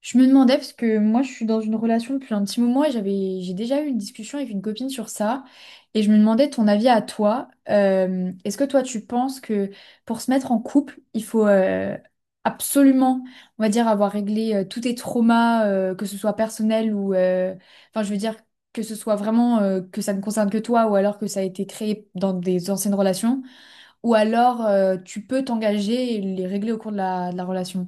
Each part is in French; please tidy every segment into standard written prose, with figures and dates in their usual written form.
Je me demandais parce que moi je suis dans une relation depuis un petit moment et j'ai déjà eu une discussion avec une copine sur ça et je me demandais ton avis à toi. Est-ce que toi tu penses que pour se mettre en couple il faut absolument, on va dire, avoir réglé tous tes traumas, que ce soit personnel ou enfin je veux dire que ce soit vraiment, que ça ne concerne que toi, ou alors que ça a été créé dans des anciennes relations, ou alors tu peux t'engager et les régler au cours de la relation.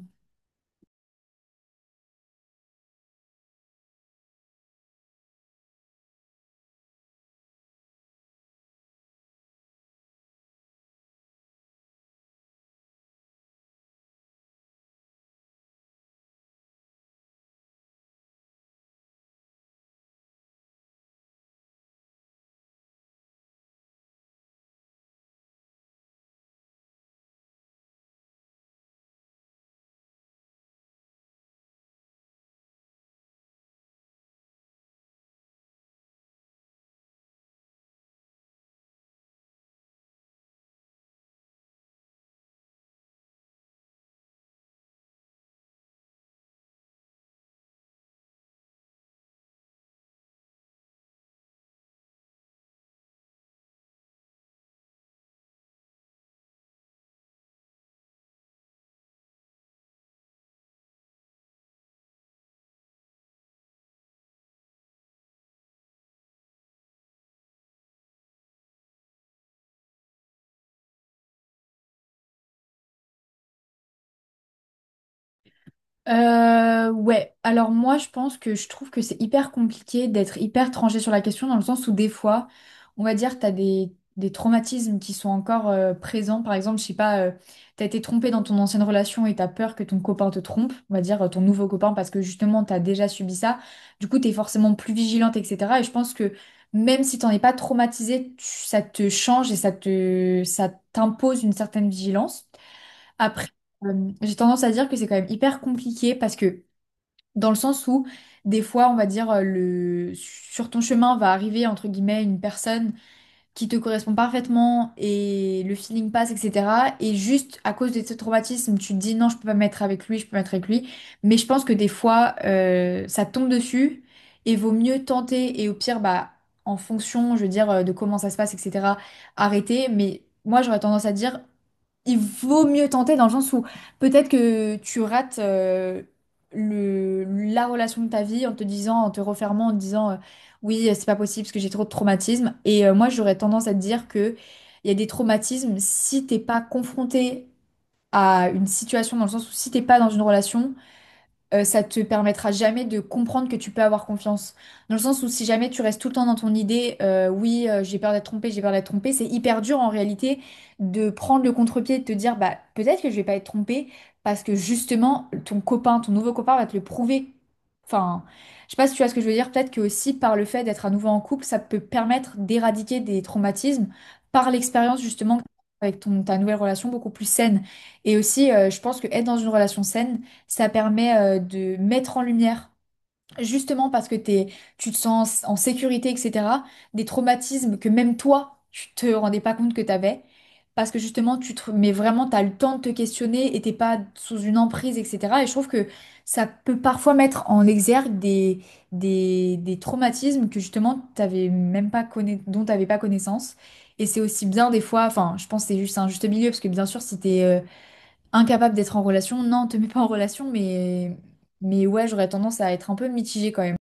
Ouais, alors moi je pense que je trouve que c'est hyper compliqué d'être hyper tranché sur la question, dans le sens où des fois, on va dire, des traumatismes qui sont encore présents. Par exemple, je sais pas, t'as été trompé dans ton ancienne relation et t'as peur que ton copain te trompe, on va dire ton nouveau copain, parce que justement t'as déjà subi ça. Du coup, t'es forcément plus vigilante, etc. Et je pense que même si t'en es pas traumatisé, ça te change et ça t'impose une certaine vigilance. Après, j'ai tendance à dire que c'est quand même hyper compliqué parce que, dans le sens où des fois, on va dire, sur ton chemin va arriver, entre guillemets, une personne qui te correspond parfaitement et le feeling passe, etc. Et juste à cause de ce traumatisme, tu te dis non, je peux pas me mettre avec lui, je peux me mettre avec lui. Mais je pense que des fois, ça tombe dessus et vaut mieux tenter, et au pire, bah, en fonction, je veux dire, de comment ça se passe, etc., arrêter. Mais moi, j'aurais tendance à dire il vaut mieux tenter, dans le sens où peut-être que tu rates le, la relation de ta vie en te disant, en te refermant, en te disant oui, c'est pas possible parce que j'ai trop de traumatismes. Et moi, j'aurais tendance à te dire que il y a des traumatismes, si t'es pas confronté à une situation, dans le sens où si t'es pas dans une relation, ça te permettra jamais de comprendre que tu peux avoir confiance. Dans le sens où si jamais tu restes tout le temps dans ton idée, oui, j'ai peur d'être trompé, j'ai peur d'être trompé, c'est hyper dur en réalité de prendre le contre-pied et de te dire, bah peut-être que je vais pas être trompé parce que justement ton nouveau copain va te le prouver. Enfin, je sais pas si tu vois ce que je veux dire. Peut-être que aussi par le fait d'être à nouveau en couple, ça peut permettre d'éradiquer des traumatismes par l'expérience, justement, avec ta nouvelle relation beaucoup plus saine. Et aussi, je pense que être dans une relation saine ça permet de mettre en lumière, justement parce que tu te sens en sécurité, etc., des traumatismes que même toi, tu te rendais pas compte que t'avais. Parce que justement, mais vraiment, t'as le temps de te questionner et t'es pas sous une emprise, etc. Et je trouve que ça peut parfois mettre en exergue des traumatismes que justement, t'avais même pas conna... dont t'avais pas connaissance. Et c'est aussi bien des fois, enfin, je pense que c'est juste un juste milieu, parce que bien sûr, si t'es, incapable d'être en relation, non, te mets pas en relation, mais ouais, j'aurais tendance à être un peu mitigée quand même.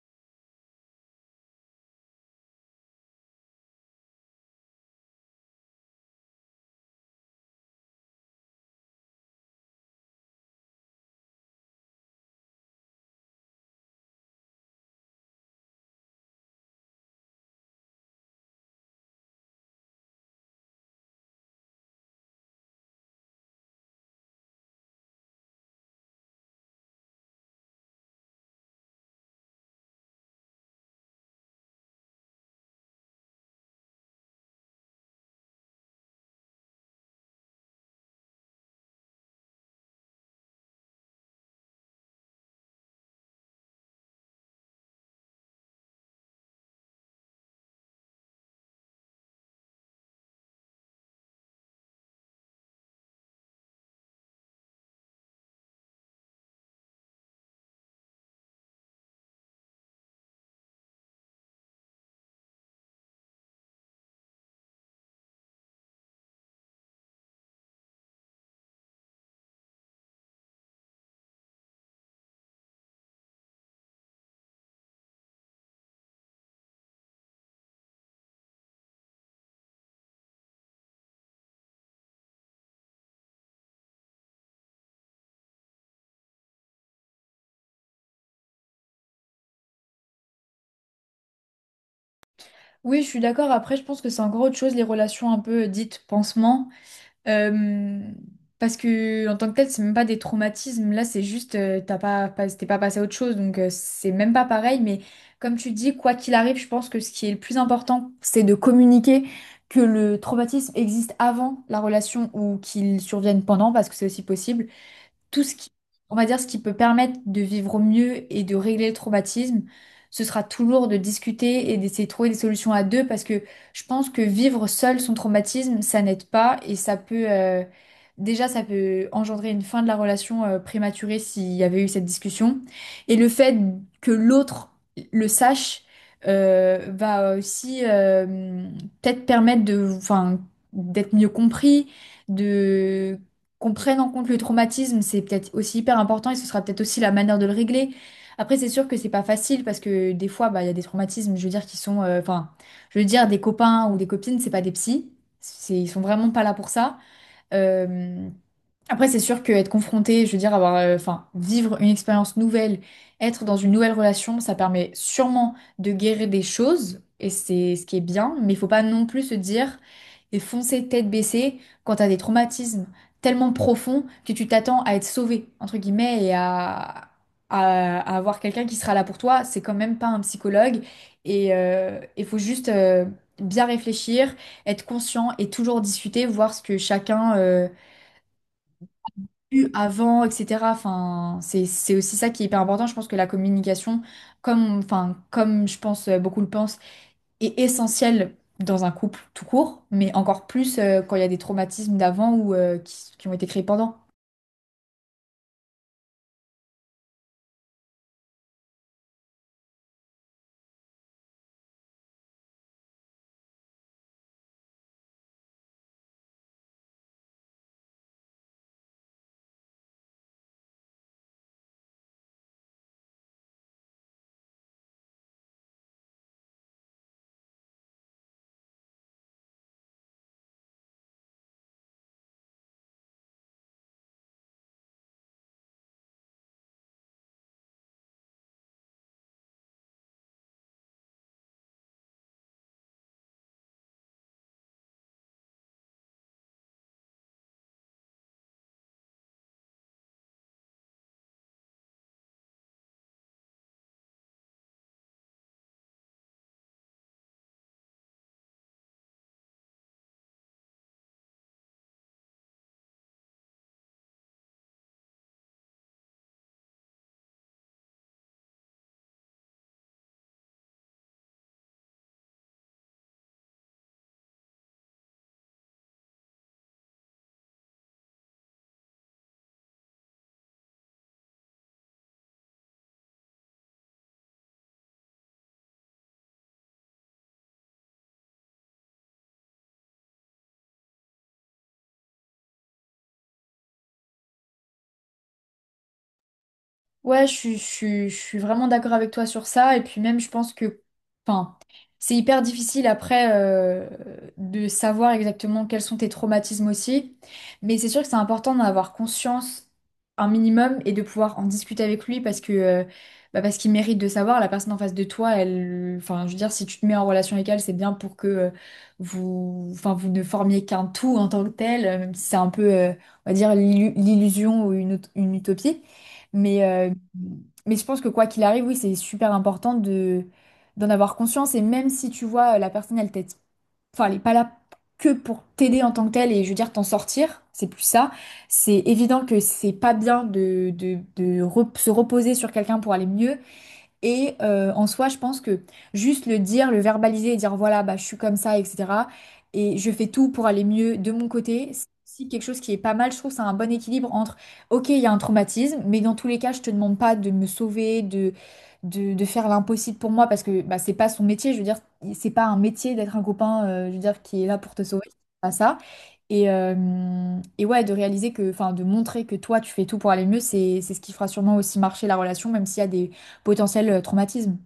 Oui, je suis d'accord. Après, je pense que c'est encore autre chose, les relations un peu dites pansement. Euh, Parce que en tant que tel, c'est même pas des traumatismes. Là, c'est juste, t'es pas passé à autre chose, donc c'est même pas pareil. Mais comme tu dis, quoi qu'il arrive, je pense que ce qui est le plus important, c'est de communiquer que le traumatisme existe avant la relation ou qu'il survienne pendant, parce que c'est aussi possible. Tout ce qui, on va dire, ce qui peut permettre de vivre au mieux et de régler le traumatisme, ce sera toujours de discuter et d'essayer de trouver des solutions à deux, parce que je pense que vivre seul son traumatisme, ça n'aide pas, et ça peut, déjà, ça peut engendrer une fin de la relation, prématurée, s'il y avait eu cette discussion. Et le fait que l'autre le sache, va aussi, peut-être permettre de, enfin, d'être mieux compris, de qu'on prenne en compte le traumatisme, c'est peut-être aussi hyper important et ce sera peut-être aussi la manière de le régler. Après, c'est sûr que c'est pas facile, parce que des fois, bah, il y a des traumatismes, je veux dire, qui sont, enfin, je veux dire, des copains ou des copines, c'est pas des psys, c'est, ils sont vraiment pas là pour ça. Euh, Après, c'est sûr qu'être confronté, je veux dire, avoir, enfin, vivre une expérience nouvelle, être dans une nouvelle relation, ça permet sûrement de guérir des choses, et c'est ce qui est bien, mais il faut pas non plus se dire et foncer tête baissée quand t'as des traumatismes tellement profonds que tu t'attends à être sauvé, entre guillemets, et à, à avoir quelqu'un qui sera là pour toi. C'est quand même pas un psychologue, et il faut juste bien réfléchir, être conscient et toujours discuter, voir ce que chacun eu avant, etc. Enfin, c'est aussi ça qui est hyper important. Je pense que la communication, comme, enfin, comme je pense beaucoup le pensent, est essentielle dans un couple tout court, mais encore plus quand il y a des traumatismes d'avant ou qui ont été créés pendant. Ouais, je suis vraiment d'accord avec toi sur ça. Et puis même, je pense que, enfin, c'est hyper difficile après de savoir exactement quels sont tes traumatismes aussi. Mais c'est sûr que c'est important d'en avoir conscience un minimum et de pouvoir en discuter avec lui, parce que, bah, parce qu'il mérite de savoir. La personne en face de toi, elle, enfin, je veux dire, si tu te mets en relation avec elle, c'est bien pour que vous, enfin, vous ne formiez qu'un tout en tant que tel, même si c'est un peu, on va dire, l'illusion ou une utopie. Mais, euh, mais je pense que quoi qu'il arrive, oui, c'est super important de, d'en avoir conscience. Et même si tu vois, la personne, elle t'aide, enfin, elle n'est pas là que pour t'aider en tant que telle, et je veux dire t'en sortir, c'est plus ça. C'est évident que c'est pas bien de, se reposer sur quelqu'un pour aller mieux. Et en soi, je pense que juste le dire, le verbaliser et dire voilà, bah, je suis comme ça, etc. Et je fais tout pour aller mieux de mon côté. C'est aussi quelque chose qui est pas mal. Je trouve que c'est un bon équilibre entre, ok, il y a un traumatisme, mais dans tous les cas, je te demande pas de me sauver, de, de faire l'impossible pour moi parce que bah, c'est pas son métier. Je veux dire, c'est pas un métier d'être un copain, je veux dire, qui est là pour te sauver. C'est pas ça. Et, euh, et ouais, de réaliser que, enfin, de montrer que toi, tu fais tout pour aller mieux, c'est ce qui fera sûrement aussi marcher la relation, même s'il y a des potentiels traumatismes.